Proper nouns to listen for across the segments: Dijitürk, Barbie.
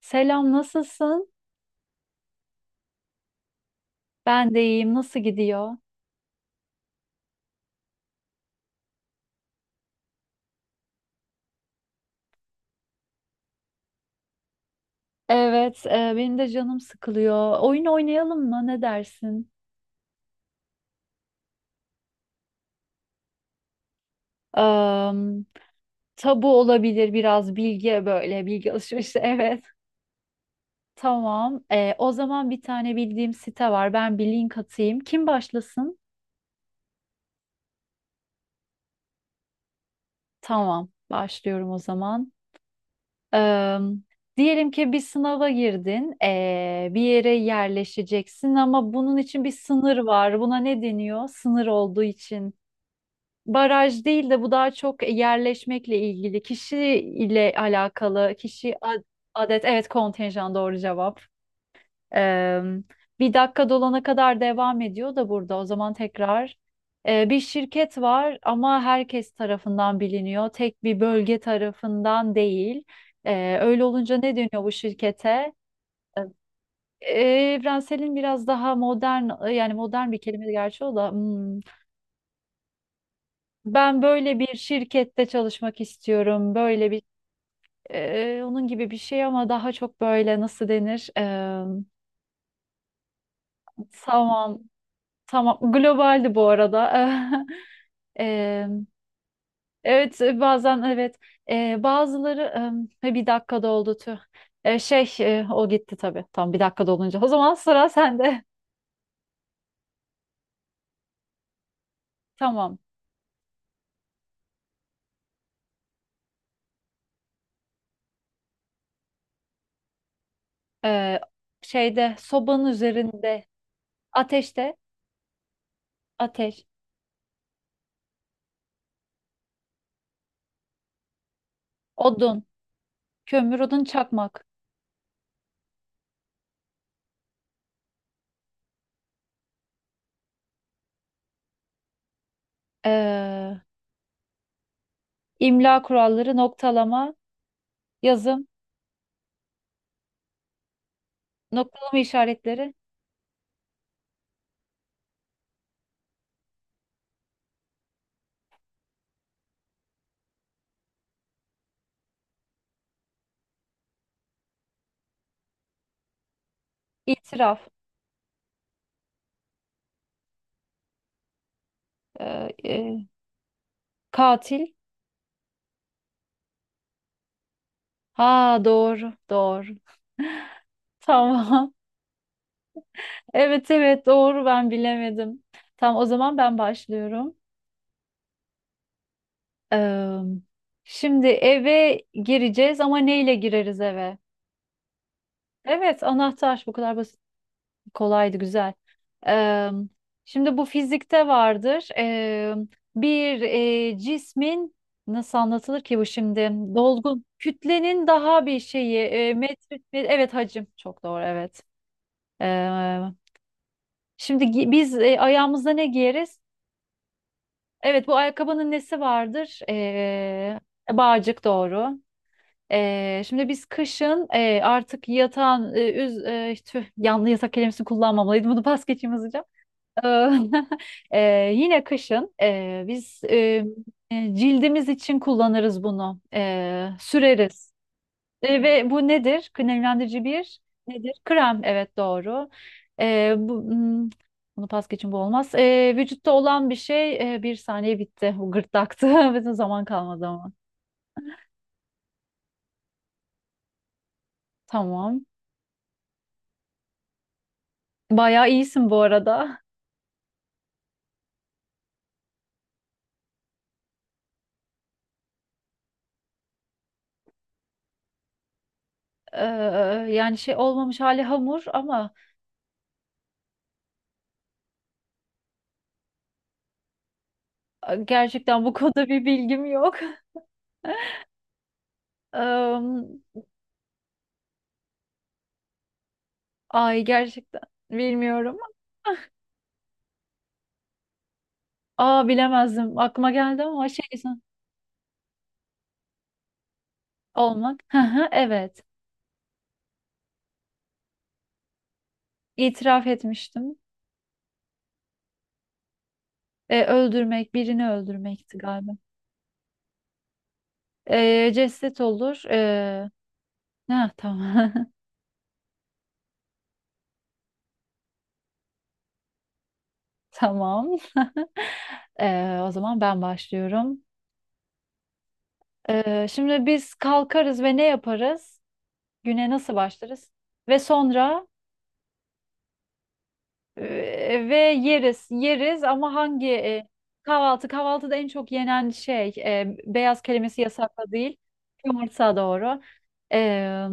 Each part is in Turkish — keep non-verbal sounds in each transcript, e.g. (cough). Selam, nasılsın? Ben de iyiyim. Nasıl gidiyor? Evet, benim de canım sıkılıyor. Oyun oynayalım mı? Ne dersin? Am, tabu olabilir biraz bilgi böyle bilgi alışverişi. (laughs) Evet. Tamam. O zaman bir tane bildiğim site var. Ben bir link atayım. Kim başlasın? Tamam. Başlıyorum o zaman. Am, diyelim ki bir sınava girdin. Bir yere yerleşeceksin ama bunun için bir sınır var. Buna ne deniyor? Sınır olduğu için. Baraj değil de bu daha çok yerleşmekle ilgili, kişi ile alakalı, kişi adet, evet, kontenjan, doğru cevap. Ee, bir dakika dolana kadar devam ediyor da burada, o zaman tekrar. Bir şirket var ama herkes tarafından biliniyor, tek bir bölge tarafından değil. Öyle olunca ne dönüyor bu şirkete? Evrenselin biraz daha modern, yani modern bir kelime, gerçi o da hmm. Ben böyle bir şirkette çalışmak istiyorum. Böyle bir onun gibi bir şey ama daha çok böyle, nasıl denir? Tamam, tamam. Globaldi bu arada. (laughs) E, evet, bazen evet. Bazıları bir dakikada oldu, tüh. Şey o gitti tabii. Tam bir dakikada olunca. O zaman sıra sende. (laughs) Tamam. E, şeyde, sobanın üzerinde, ateşte, ateş, odun, kömür, odun, çakmak. E, İmla kuralları, noktalama, yazım, noktalama işaretleri, itiraf, e, e, katil. Ha, doğru, doğru. (laughs) Tamam. Evet, evet, doğru, ben bilemedim. Tamam, o zaman ben başlıyorum. Eee, şimdi eve gireceğiz, ama neyle gireriz eve? Evet, anahtar, bu kadar basit. Kolaydı, güzel. Eee, şimdi bu fizikte vardır. Bir cismin, nasıl anlatılır ki bu şimdi? Dolgun kütlenin daha bir şeyi metre, evet, hacim, çok doğru, evet. Eee, şimdi biz ayağımıza ne giyeriz? Evet, bu ayakkabının nesi vardır? Bağcık, doğru. Şimdi biz kışın artık yatan üz tüh, yanlı yatak kelimesini kullanmamalıydım. Bunu pas geçeyim hızlıca. (laughs) Yine kışın biz cildimiz için kullanırız bunu. Süreriz. Ve bu nedir? Kremlendirici bir nedir? Krem. Evet, doğru. Bu, bunu pas geçin, bu olmaz. Vücutta olan bir şey bir saniye, bitti. Bu gırtlaktı. (laughs) Bizim zaman kalmadı ama. Tamam. Bayağı iyisin bu arada. Eee, yani şey olmamış hali hamur ama gerçekten bu konuda bir bilgim yok. (laughs) Ee, Ay gerçekten bilmiyorum. Aa, bilemezdim. Aklıma geldi ama şey, olmak. Hı hı, evet. İtiraf etmiştim. Öldürmek, birini öldürmekti galiba. Ceset olur. Ha, tamam. (laughs) Tamam. O zaman ben başlıyorum. Şimdi biz kalkarız ve ne yaparız? Güne nasıl başlarız? Ve sonra, ve yeriz ama hangi kahvaltı? Kahvaltıda en çok yenen şey, beyaz kelimesi yasakla değil, yumurta, doğru. Ee,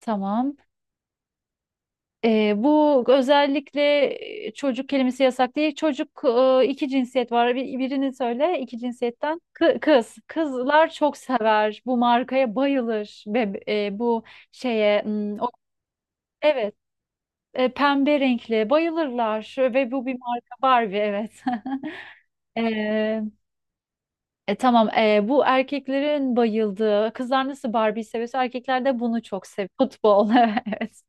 tamam. Bu özellikle çocuk kelimesi yasak değil. Çocuk. E, iki cinsiyet var. Birini söyle iki cinsiyetten. Kız. Kızlar çok sever. Bu markaya bayılır. Ve bu şeye evet, pembe renkli, bayılırlar. Ve bu bir marka, Barbie, evet. (laughs) Ee, tamam. Bu erkeklerin bayıldığı, kızlar nasıl Barbie'yi seviyorsa erkekler de bunu çok seviyor. Futbol, (laughs) evet.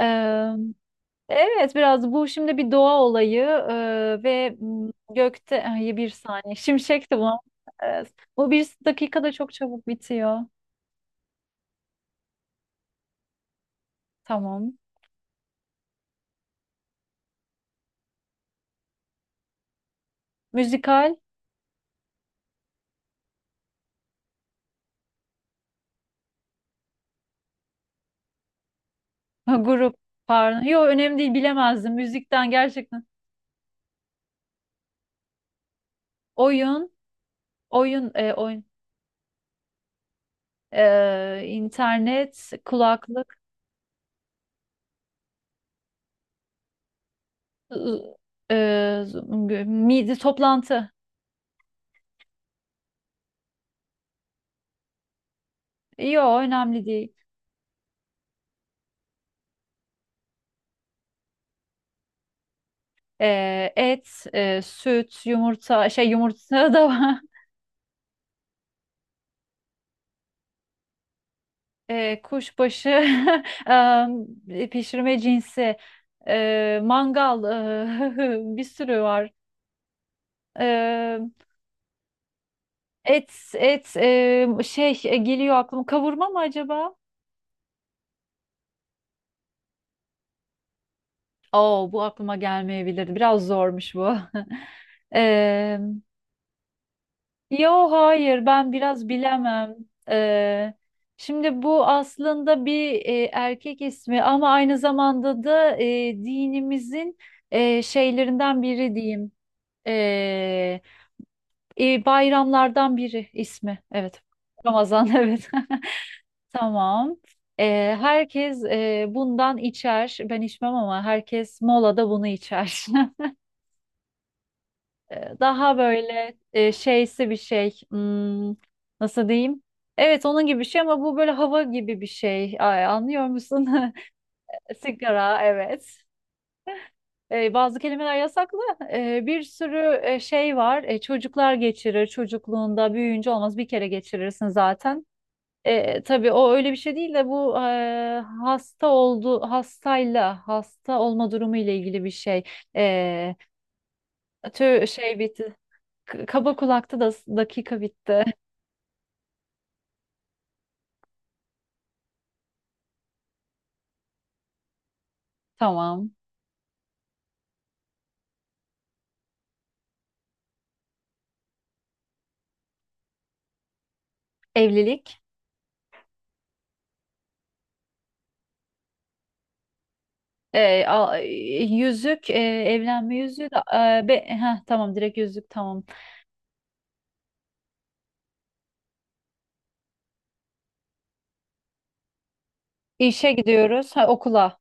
Ee, evet, biraz bu şimdi bir doğa olayı, ve gökte, ay, bir saniye, şimşekti bu. Evet. Bu bir dakikada çok çabuk bitiyor. Tamam. Müzikal, (laughs) ha, grup, pardon. Yok, önemli değil, bilemezdim. Müzikten gerçekten. Oyun, oyun, oyun. İnternet, kulaklık. Z- e, z- midi toplantı. Yo, önemli değil. Et, süt, yumurta, şey, yumurta da var. (laughs) Kuşbaşı, (laughs) pişirme cinsi, mangal, (laughs) bir sürü var. E, et, et, şey, geliyor aklıma. Kavurma mı acaba? Oo, bu aklıma gelmeyebilirdi. Biraz zormuş bu. (laughs) E, Yo, hayır, ben biraz bilemem. Ee, şimdi bu aslında bir erkek ismi ama aynı zamanda da dinimizin şeylerinden biri diyeyim. Ee, bayramlardan biri ismi. Evet. Ramazan, (laughs) evet. Tamam. Herkes bundan içer. Ben içmem ama herkes molada bunu içer. (laughs) Daha böyle şeysi bir şey. Nasıl diyeyim? Evet, onun gibi bir şey ama bu böyle hava gibi bir şey. Ay, anlıyor musun? (laughs) Sigara, evet. Bazı kelimeler yasaklı. Bir sürü şey var. Çocuklar geçirir. Çocukluğunda büyüyünce olmaz. Bir kere geçirirsin zaten. Tabii o öyle bir şey değil de bu hasta oldu hastayla hasta olma durumu ile ilgili bir şey. E, tö şey bitti. Kaba kulakta da dakika bitti. (laughs) Tamam. Evlilik. Ee, a- yüzük. Evlenme yüzüğü de. Tamam, direkt yüzük, tamam. İşe gidiyoruz. Ha, okula.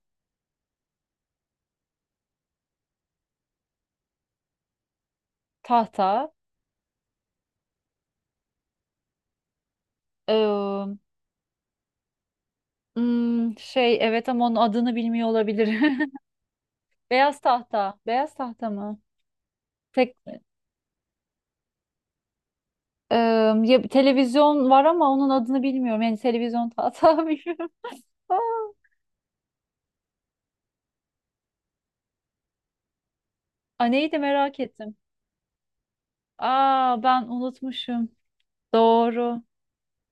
Tahta. Ee, hmm, şey, evet, ama onun adını bilmiyor olabilir. (laughs) Beyaz tahta. Beyaz tahta mı? Tek, Ee, ya, televizyon var ama onun adını bilmiyorum. Yani, televizyon tahta, (laughs) bilmiyorum. Aa, neydi, merak ettim. Aa, ben unutmuşum. Doğru.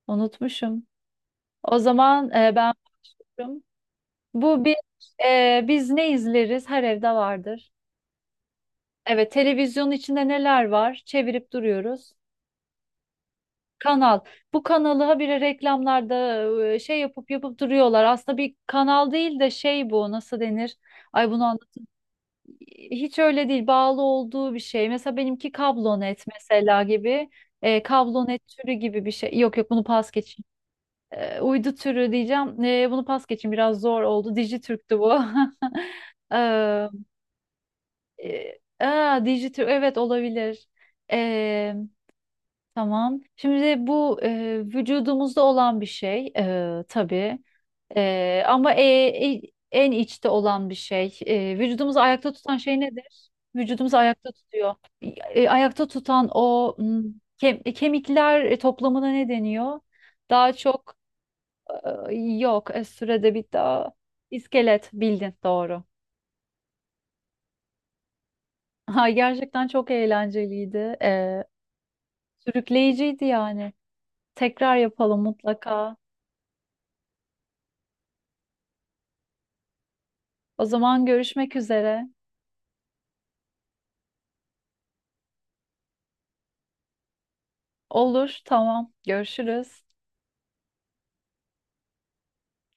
Unutmuşum. O zaman, ben başlıyorum. Bu bir biz ne izleriz? Her evde vardır. Evet, televizyonun içinde neler var? Çevirip duruyoruz. Kanal. Bu kanalı habire reklamlarda şey yapıp yapıp duruyorlar. Aslında bir kanal değil de şey, bu nasıl denir? Ay, bunu anlat. Hiç öyle değil. Bağlı olduğu bir şey. Mesela benimki kablonet mesela gibi. Kablonet türü gibi bir şey. Yok, yok, bunu pas geçeyim. Uydu türü diyeceğim. Bunu pas geçin, biraz zor oldu. Dijitürk'tü bu. (laughs) Eee, aa, Dijitürk, evet, olabilir. Eee, tamam. Şimdi bu vücudumuzda olan bir şey tabii. Ama e- en içte olan bir şey. Vücudumuzu ayakta tutan şey nedir? Vücudumuzu ayakta tutuyor. Ayakta tutan o, kemikler toplamına ne deniyor? Daha çok yok, sürede bitti. Aa, İskelet bildin, doğru. (laughs) Ha, gerçekten çok eğlenceliydi. Sürükleyiciydi yani. Tekrar yapalım mutlaka. O zaman, görüşmek üzere. Olur, tamam. Görüşürüz.